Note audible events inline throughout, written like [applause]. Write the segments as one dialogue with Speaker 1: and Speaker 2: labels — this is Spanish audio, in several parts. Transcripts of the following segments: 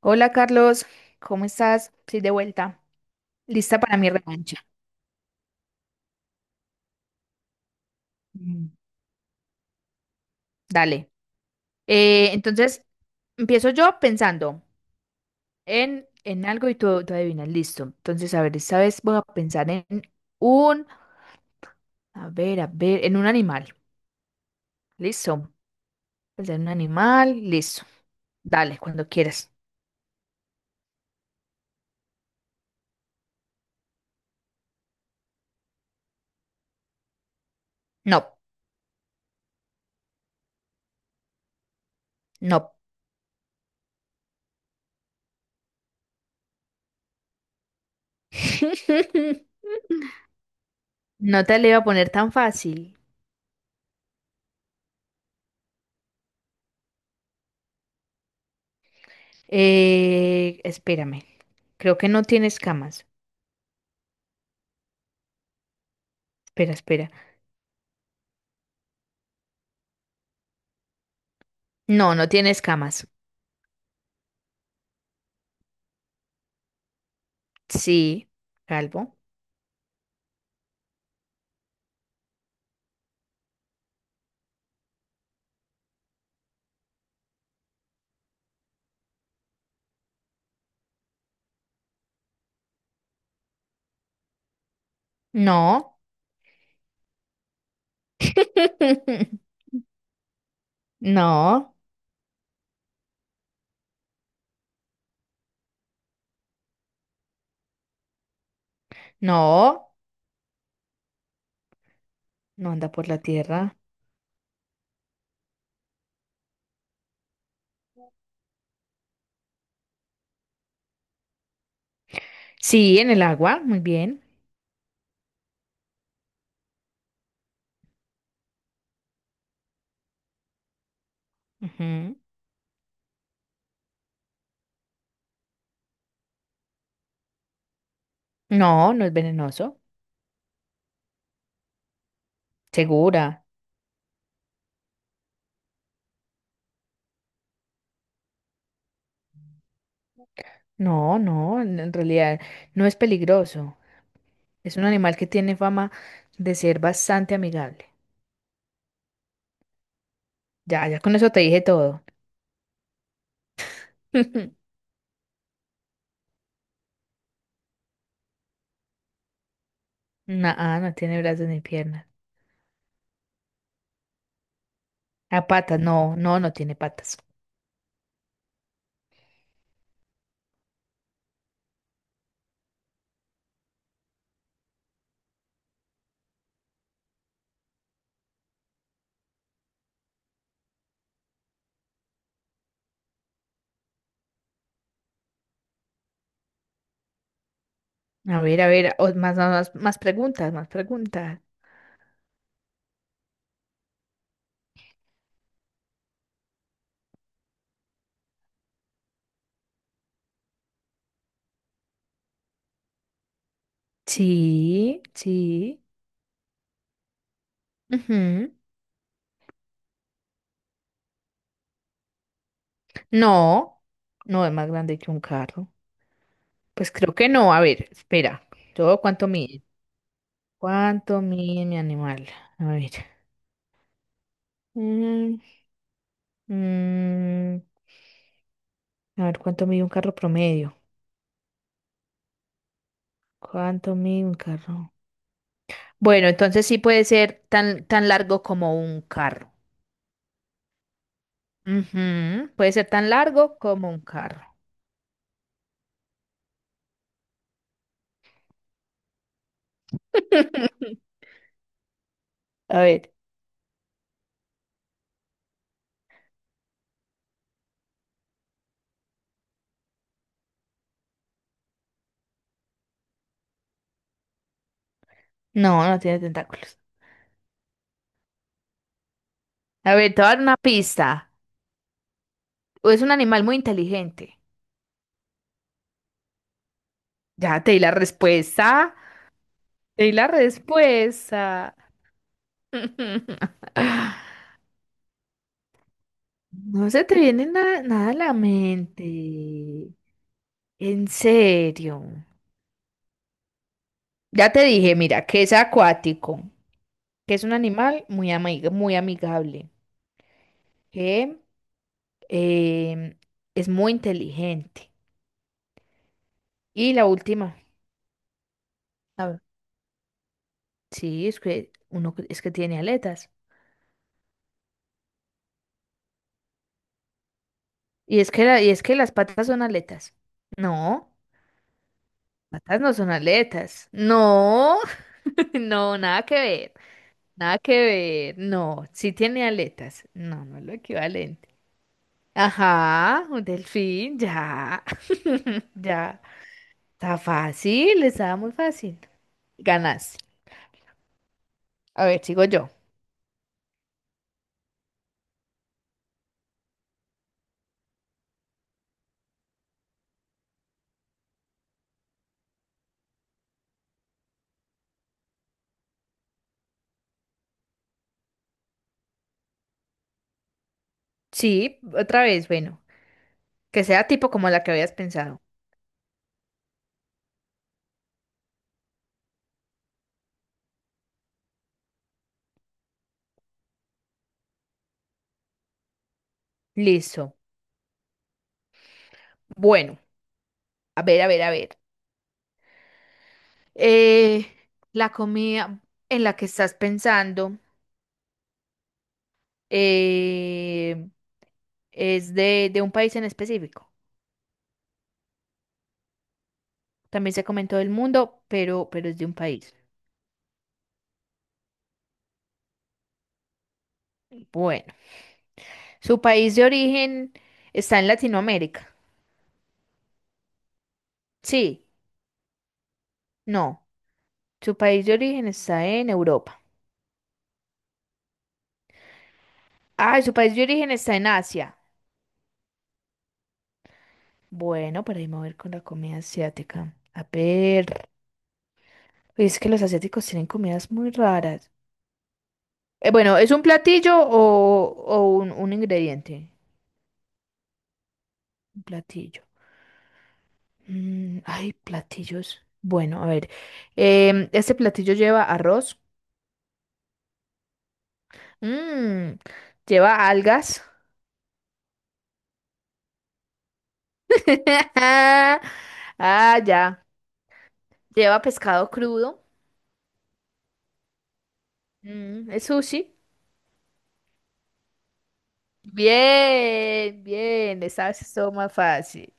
Speaker 1: Hola Carlos, ¿cómo estás? Estoy de vuelta, lista para mi revancha. Mm, dale. Eh, entonces, Empiezo yo pensando en algo y tú adivinas, listo. Entonces, a ver, esta vez voy a pensar en un, a ver, en un animal. Listo. Pensar en un animal, listo. Dale, cuando quieras. No, no. [laughs] No te le iba a poner tan fácil. Espérame. Creo que no tiene escamas. Espera, espera. No, no tiene escamas. Sí, calvo. No. [laughs] No, no, no anda por la tierra. Sí, en el agua, muy bien. Ujú. No, no es venenoso. Segura. No, no, en realidad no es peligroso. Es un animal que tiene fama de ser bastante amigable. Ya, ya con eso te dije todo. [laughs] No, no tiene brazos ni piernas. A patas, no, no, no tiene patas. A ver, más, más, más preguntas, más preguntas. Sí, sí. Ujú. No, no es más grande que un carro. Pues creo que no. A ver, espera. ¿Todo cuánto mide? ¿Cuánto mide mi animal? A ver. Mm, mm, a ver, ¿cuánto mide un carro promedio? ¿Cuánto mide un carro? Bueno, entonces sí puede ser tan, tan largo como un carro. Ujú, puede ser tan largo como un carro. [laughs] A ver. No, no tiene tentáculos. A ver, te voy a dar una pista. O es un animal muy inteligente. Ya te di la respuesta. Te di la respuesta. [laughs] No se te viene nada a la mente. En serio. Ya te dije, mira, que es acuático, que es un animal muy amigable, que em, es muy inteligente. Y la última. A ver, sí, es que es que tiene aletas. Y es que y es que las patas son aletas. No, patas no son aletas. No, [laughs] no, nada que ver. Nada que ver. No, sí tiene aletas. No, no es lo equivalente. Ajá, un delfín, ya, [laughs] ya. Está fácil, estaba muy fácil. Ganas. A ver, sigo yo. Sí, otra vez, bueno, que sea tipo como la que habías pensado. Listo. Bueno, a ver, a ver, a ver. Eh, la comida en la que estás pensando, eh, es de un país en específico. También se comentó del mundo, pero es de un país. Bueno, su país de origen está en Latinoamérica. Sí, no. Su país de origen está en Europa. Ah, su país de origen está en Asia. Bueno, para ahí me voy a ir con la comida asiática. A ver. Uy, es que los asiáticos tienen comidas muy raras. Bueno, ¿es un platillo o, un ingrediente? Un platillo. Mm, ay, platillos. Bueno, a ver. Este platillo lleva arroz. Mm, lleva algas. [laughs] Ah, ya. Lleva pescado crudo. Mm, es sushi. Bien, bien. Esta vez todo más fácil.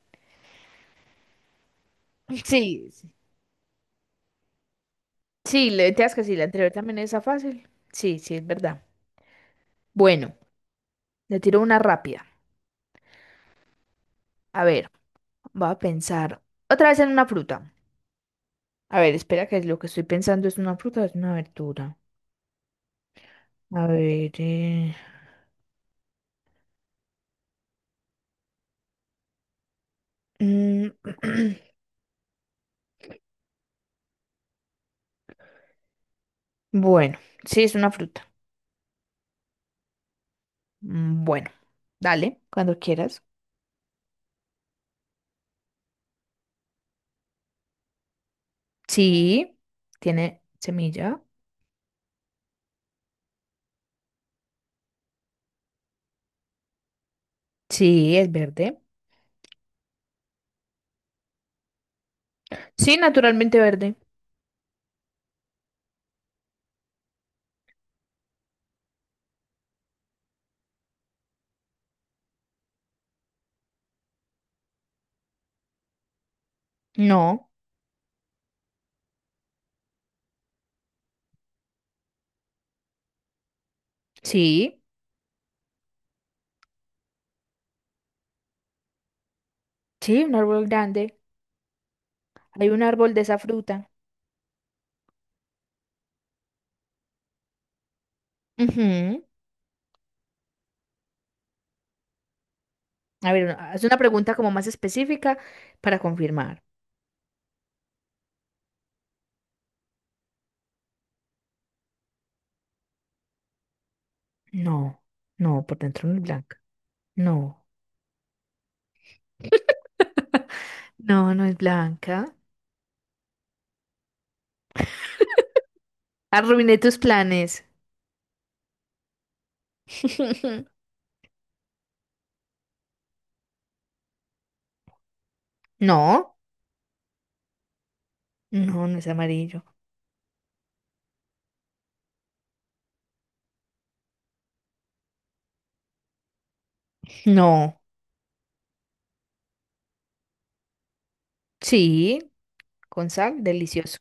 Speaker 1: Sí, sí. Sí, le te das que sí, la anterior también es fácil. Sí, sí, es verdad. Bueno, le tiro una rápida. A ver, voy a pensar otra vez en una fruta. A ver, espera que lo que estoy pensando es una fruta o es una verdura. A ver. Mm, [clears throat] Bueno, sí, es una fruta. Mm, bueno, dale, cuando quieras. Sí, tiene semilla. Sí, es verde. Sí, naturalmente verde. No. Sí, sí, un árbol grande. Hay un árbol de esa fruta. Ujú. A ver, haz una pregunta como más específica para confirmar. No, no, por dentro no es blanca. No. [laughs] No, no es blanca. Arruiné tus planes. [laughs] No, no, no es amarillo. No, sí, con sal, delicioso.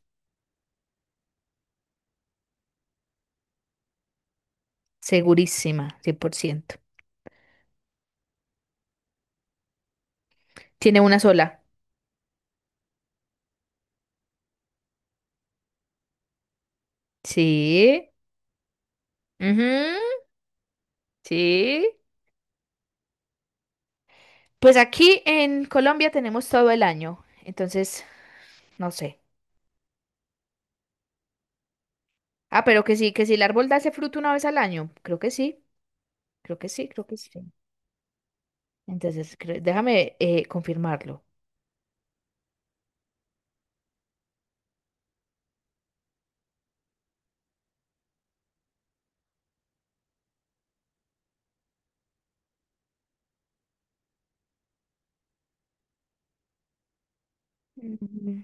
Speaker 1: Segurísima, 100%. Tiene una sola. Sí, ujú, sí. Pues aquí en Colombia tenemos todo el año, entonces, no sé. Ah, pero que sí, que si el árbol da ese fruto una vez al año. Creo que sí, creo que sí, creo que sí. Entonces, déjame confirmarlo. Mm,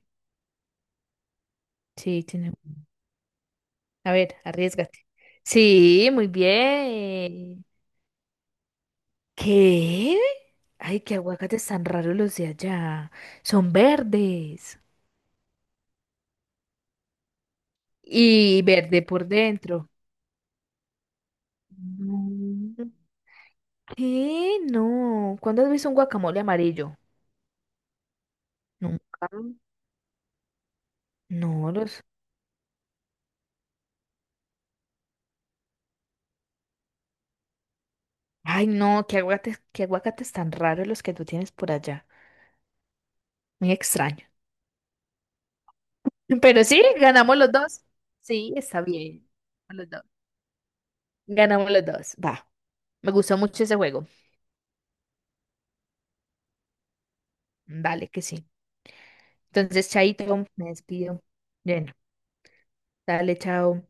Speaker 1: sí, tiene. A ver, arriesgate. Sí, muy bien. ¿Qué? Ay, qué aguacates tan raros los de allá. Son verdes. Y verde por dentro. Mm. ¿Qué? No. ¿Cuándo has visto un guacamole amarillo? Nunca. No, los. Ay, no, qué aguacates tan raros los que tú tienes por allá. Muy extraño. [laughs] Pero sí, ganamos los dos. Sí, está bien. Los dos. Ganamos los dos. Va. Me gustó mucho ese juego. Vale, que sí. Entonces, chaito, me despido. Bueno, dale, chao.